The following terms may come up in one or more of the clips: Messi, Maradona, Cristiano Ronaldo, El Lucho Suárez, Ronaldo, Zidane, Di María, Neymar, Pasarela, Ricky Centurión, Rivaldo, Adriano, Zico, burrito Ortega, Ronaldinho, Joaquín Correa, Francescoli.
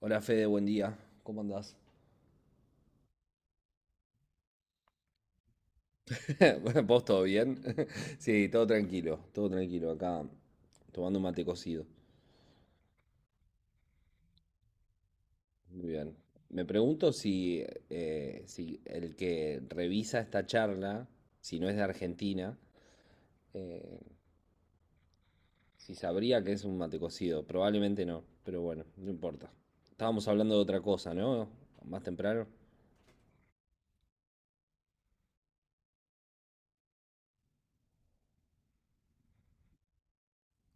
Hola Fede, buen día. ¿Cómo andás? Bueno, ¿Vos todo bien? Sí, todo tranquilo, todo tranquilo. Acá tomando un mate cocido. Muy bien. Me pregunto si el que revisa esta charla, si no es de Argentina, eh, si sabría que es un mate cocido. Probablemente no, pero bueno, no importa. Estábamos hablando de otra cosa, ¿no? Más temprano.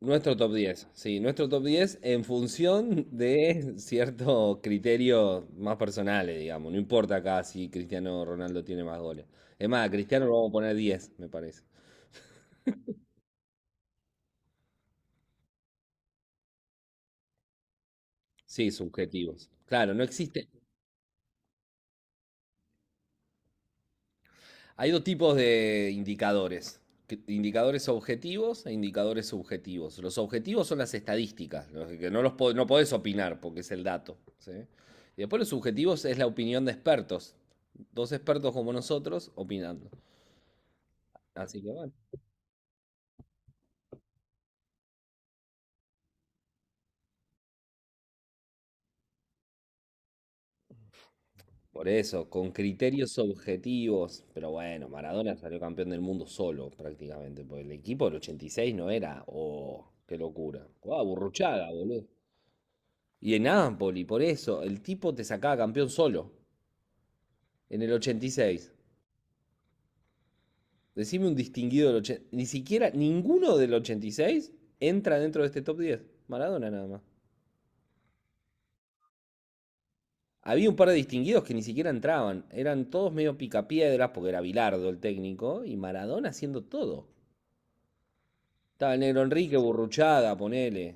Nuestro top 10, sí, nuestro top 10 en función de ciertos criterios más personales, digamos. No importa acá si Cristiano Ronaldo tiene más goles. Es más, a Cristiano lo vamos a poner 10, me parece. Sí, subjetivos. Claro, no existe. Hay dos tipos de indicadores. Indicadores objetivos e indicadores subjetivos. Los objetivos son las estadísticas, los que no no podés opinar porque es el dato, ¿sí? Y después los subjetivos es la opinión de expertos. Dos expertos como nosotros opinando. Así que bueno, por eso, con criterios objetivos, pero bueno, Maradona salió campeón del mundo solo prácticamente, porque el equipo del 86 no era, oh, qué locura, jugaba Burruchaga, boludo. Y en Napoli por eso, el tipo te sacaba campeón solo, en el 86. Decime un distinguido del 86, ni siquiera ninguno del 86 entra dentro de este top 10. Maradona nada más. Había un par de distinguidos que ni siquiera entraban. Eran todos medio picapiedras, porque era Bilardo el técnico, y Maradona haciendo todo. Estaba el negro Enrique, Burruchaga, ponele.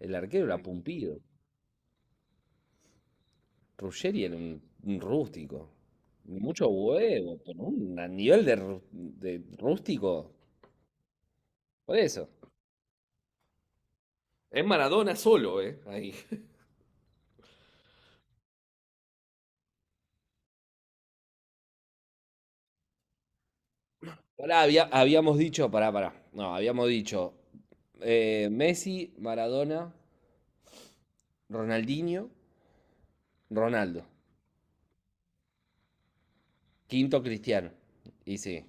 El arquero era Pumpido. Ruggeri era un rústico. Mucho huevo, pero un a nivel de rústico. Por eso. Es Maradona solo, ¿eh? Ahí. Pará, habíamos dicho, pará, pará. No, habíamos dicho, Messi, Maradona, Ronaldinho, Ronaldo. Quinto Cristiano. Y sí.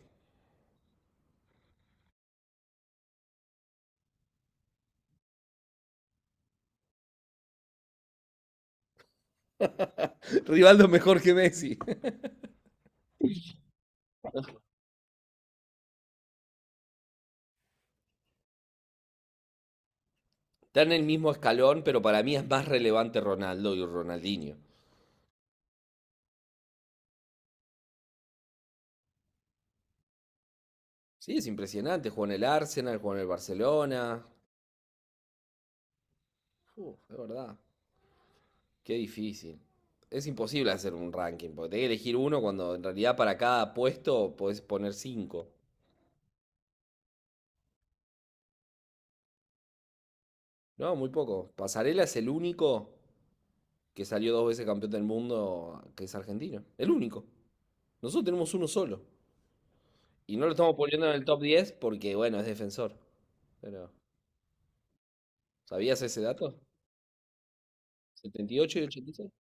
Rivaldo mejor que Messi. Está en el mismo escalón, pero para mí es más relevante Ronaldo y Ronaldinho. Sí, es impresionante. Jugó en el Arsenal, jugó en el Barcelona. Uf, es verdad. Qué difícil. Es imposible hacer un ranking, porque tenés que elegir uno cuando en realidad para cada puesto podés poner cinco. No, muy poco. Pasarela es el único que salió dos veces campeón del mundo que es argentino. El único. Nosotros tenemos uno solo. Y no lo estamos poniendo en el top 10 porque, bueno, es defensor. Pero, ¿sabías ese dato? 78 y 86.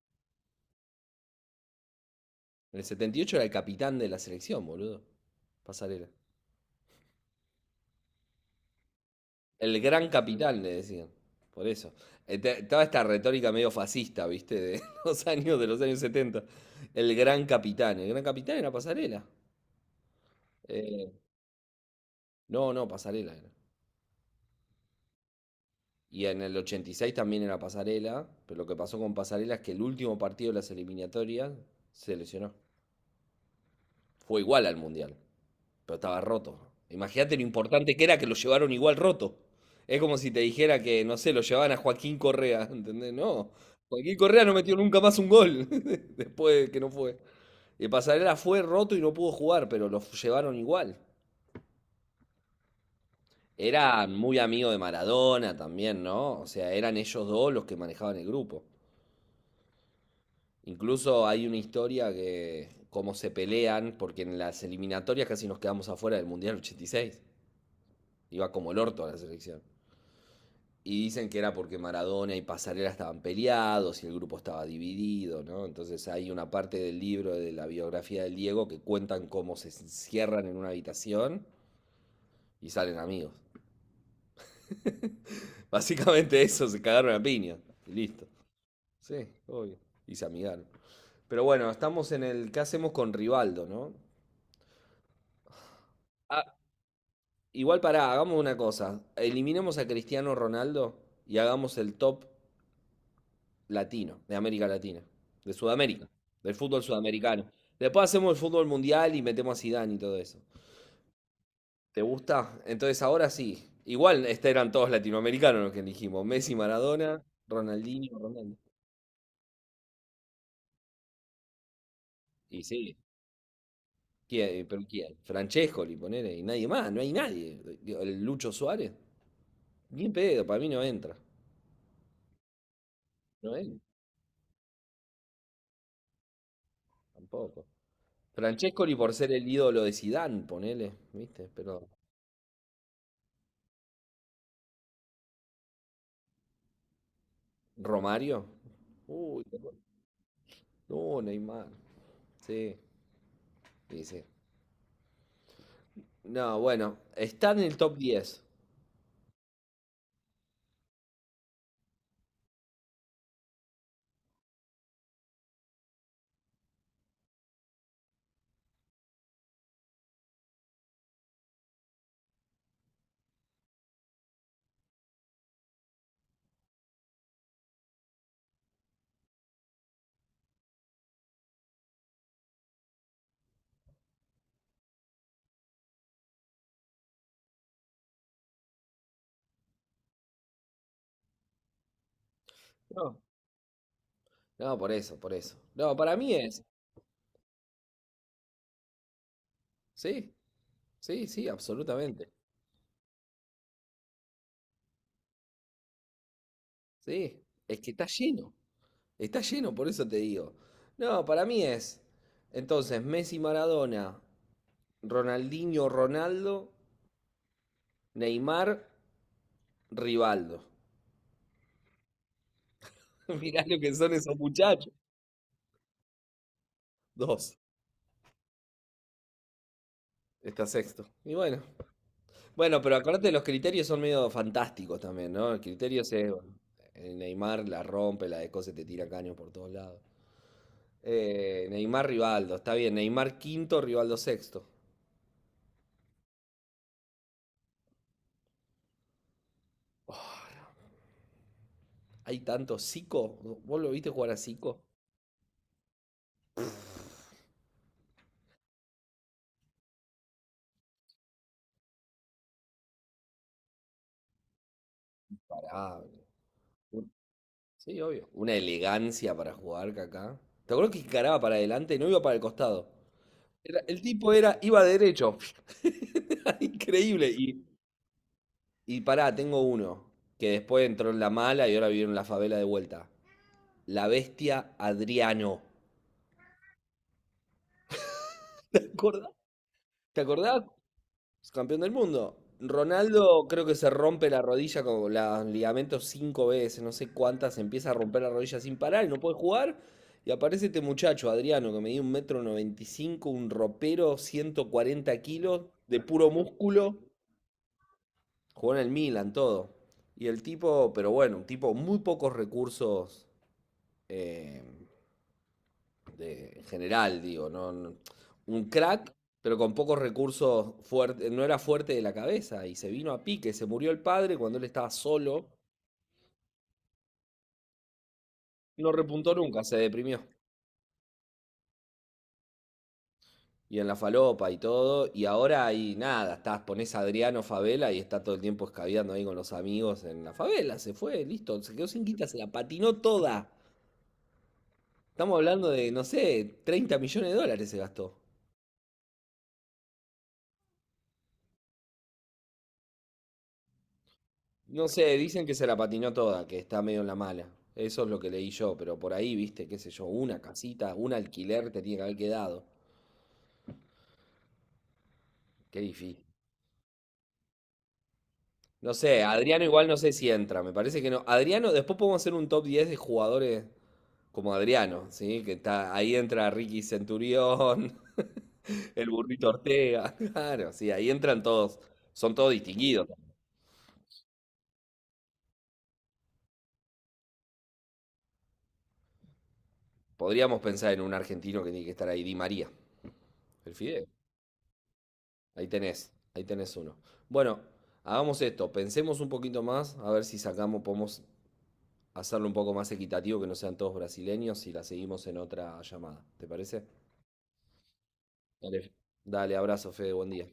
En el 78 era el capitán de la selección, boludo. Pasarela. El gran capitán, le decían. Por eso. Toda esta retórica medio fascista, ¿viste? De los años, de los años 70. El gran capitán. El gran capitán era Pasarela. Eh, no, no, Pasarela era. Y en el 86 también era Pasarela, pero lo que pasó con Pasarela es que el último partido de las eliminatorias se lesionó. Fue igual al Mundial. Pero estaba roto. Imagínate lo importante que era que lo llevaron igual roto. Es como si te dijera que, no sé, lo llevaban a Joaquín Correa, ¿entendés? No, Joaquín Correa no metió nunca más un gol después de que no fue. Y Pasarela fue roto y no pudo jugar, pero lo llevaron igual. Eran muy amigos de Maradona también, ¿no? O sea, eran ellos dos los que manejaban el grupo. Incluso hay una historia que, cómo se pelean, porque en las eliminatorias casi nos quedamos afuera del Mundial 86. Iba como el orto a la selección. Y dicen que era porque Maradona y Pasarela estaban peleados y el grupo estaba dividido, ¿no? Entonces hay una parte del libro de la biografía del Diego que cuentan cómo se cierran en una habitación y salen amigos. Básicamente eso, se cagaron a piña. Y listo. Sí, obvio. Y se amigaron. Pero bueno, estamos en el, ¿qué hacemos con Rivaldo, no? Ah, igual pará, hagamos una cosa. Eliminemos a Cristiano Ronaldo y hagamos el top latino, de América Latina, de Sudamérica, del fútbol sudamericano. Después hacemos el fútbol mundial y metemos a Zidane y todo eso. ¿Te gusta? Entonces ahora sí. Igual este, eran todos latinoamericanos los que elegimos. Messi, Maradona, Ronaldinho, Ronaldo. Y sí, ¿quién? Pero ¿quién? Francescoli, ponele, y nadie más, no hay nadie. Digo, el Lucho Suárez, bien pedo, para mí no entra. No entra, tampoco. Francescoli por ser el ídolo de Zidane, ponele, ¿viste? Pero Romario, uy, no, Neymar. Sí, sí, sí. No, bueno, está en el top 10. No. No, por eso, por eso. No, para mí es. Sí, sí, sí, absolutamente. Sí, es que está lleno. Está lleno, por eso te digo. No, para mí es. Entonces, Messi, Maradona, Ronaldinho, Ronaldo, Neymar, Rivaldo. Mirá lo que son esos muchachos. Dos. Está sexto. Bueno, pero acuérdate, los criterios son medio fantásticos también, ¿no? El criterio es, bueno, Neymar la rompe, la de cose te tira caños por todos lados. Neymar, Rivaldo, está bien. Neymar quinto, Rivaldo sexto. Oh, hay tanto. Zico, ¿vos lo viste jugar a Zico? Pará, un- sí, obvio. Una elegancia para jugar que acá. ¿Te acuerdas que encaraba para adelante y no iba para el costado? El tipo era, iba derecho. Era increíble. Y pará, tengo uno. Que después entró en la mala y ahora vive en la favela de vuelta. La bestia Adriano. ¿Te acordás? ¿Te acordás? Es campeón del mundo. Ronaldo creo que se rompe la rodilla con los ligamentos cinco veces, no sé cuántas, se empieza a romper la rodilla sin parar y no puede jugar. Y aparece este muchacho, Adriano, que medía un metro noventa y cinco, un ropero, 140 kilos, de puro músculo. Jugó en el Milan, todo. Y el tipo, pero bueno, un tipo muy pocos recursos, eh, en general, digo, no, un crack, pero con pocos recursos, fuerte, no era fuerte de la cabeza y se vino a pique, se murió el padre cuando él estaba solo, no repuntó nunca, se deprimió. Y en la falopa y todo, y ahora ahí nada, estás, pones a Adriano Favela y está todo el tiempo escabeando ahí con los amigos en la favela, se fue, listo, se quedó sin guita, se la patinó toda. Estamos hablando de, no sé, 30 millones de dólares se gastó. No sé, dicen que se la patinó toda, que está medio en la mala. Eso es lo que leí yo, pero por ahí, viste, qué sé yo, una casita, un alquiler te tiene que haber quedado. Qué difícil. No sé, Adriano igual no sé si entra, me parece que no. Adriano, después podemos hacer un top 10 de jugadores como Adriano, ¿sí? Que está, ahí entra Ricky Centurión, el burrito Ortega, claro, sí, ahí entran todos, son todos distinguidos. Podríamos pensar en un argentino que tiene que estar ahí, Di María, el Fideo. Ahí tenés uno. Bueno, hagamos esto, pensemos un poquito más, a ver si sacamos, podemos hacerlo un poco más equitativo, que no sean todos brasileños, y la seguimos en otra llamada. ¿Te parece? Dale. Dale, abrazo, Fede, buen día.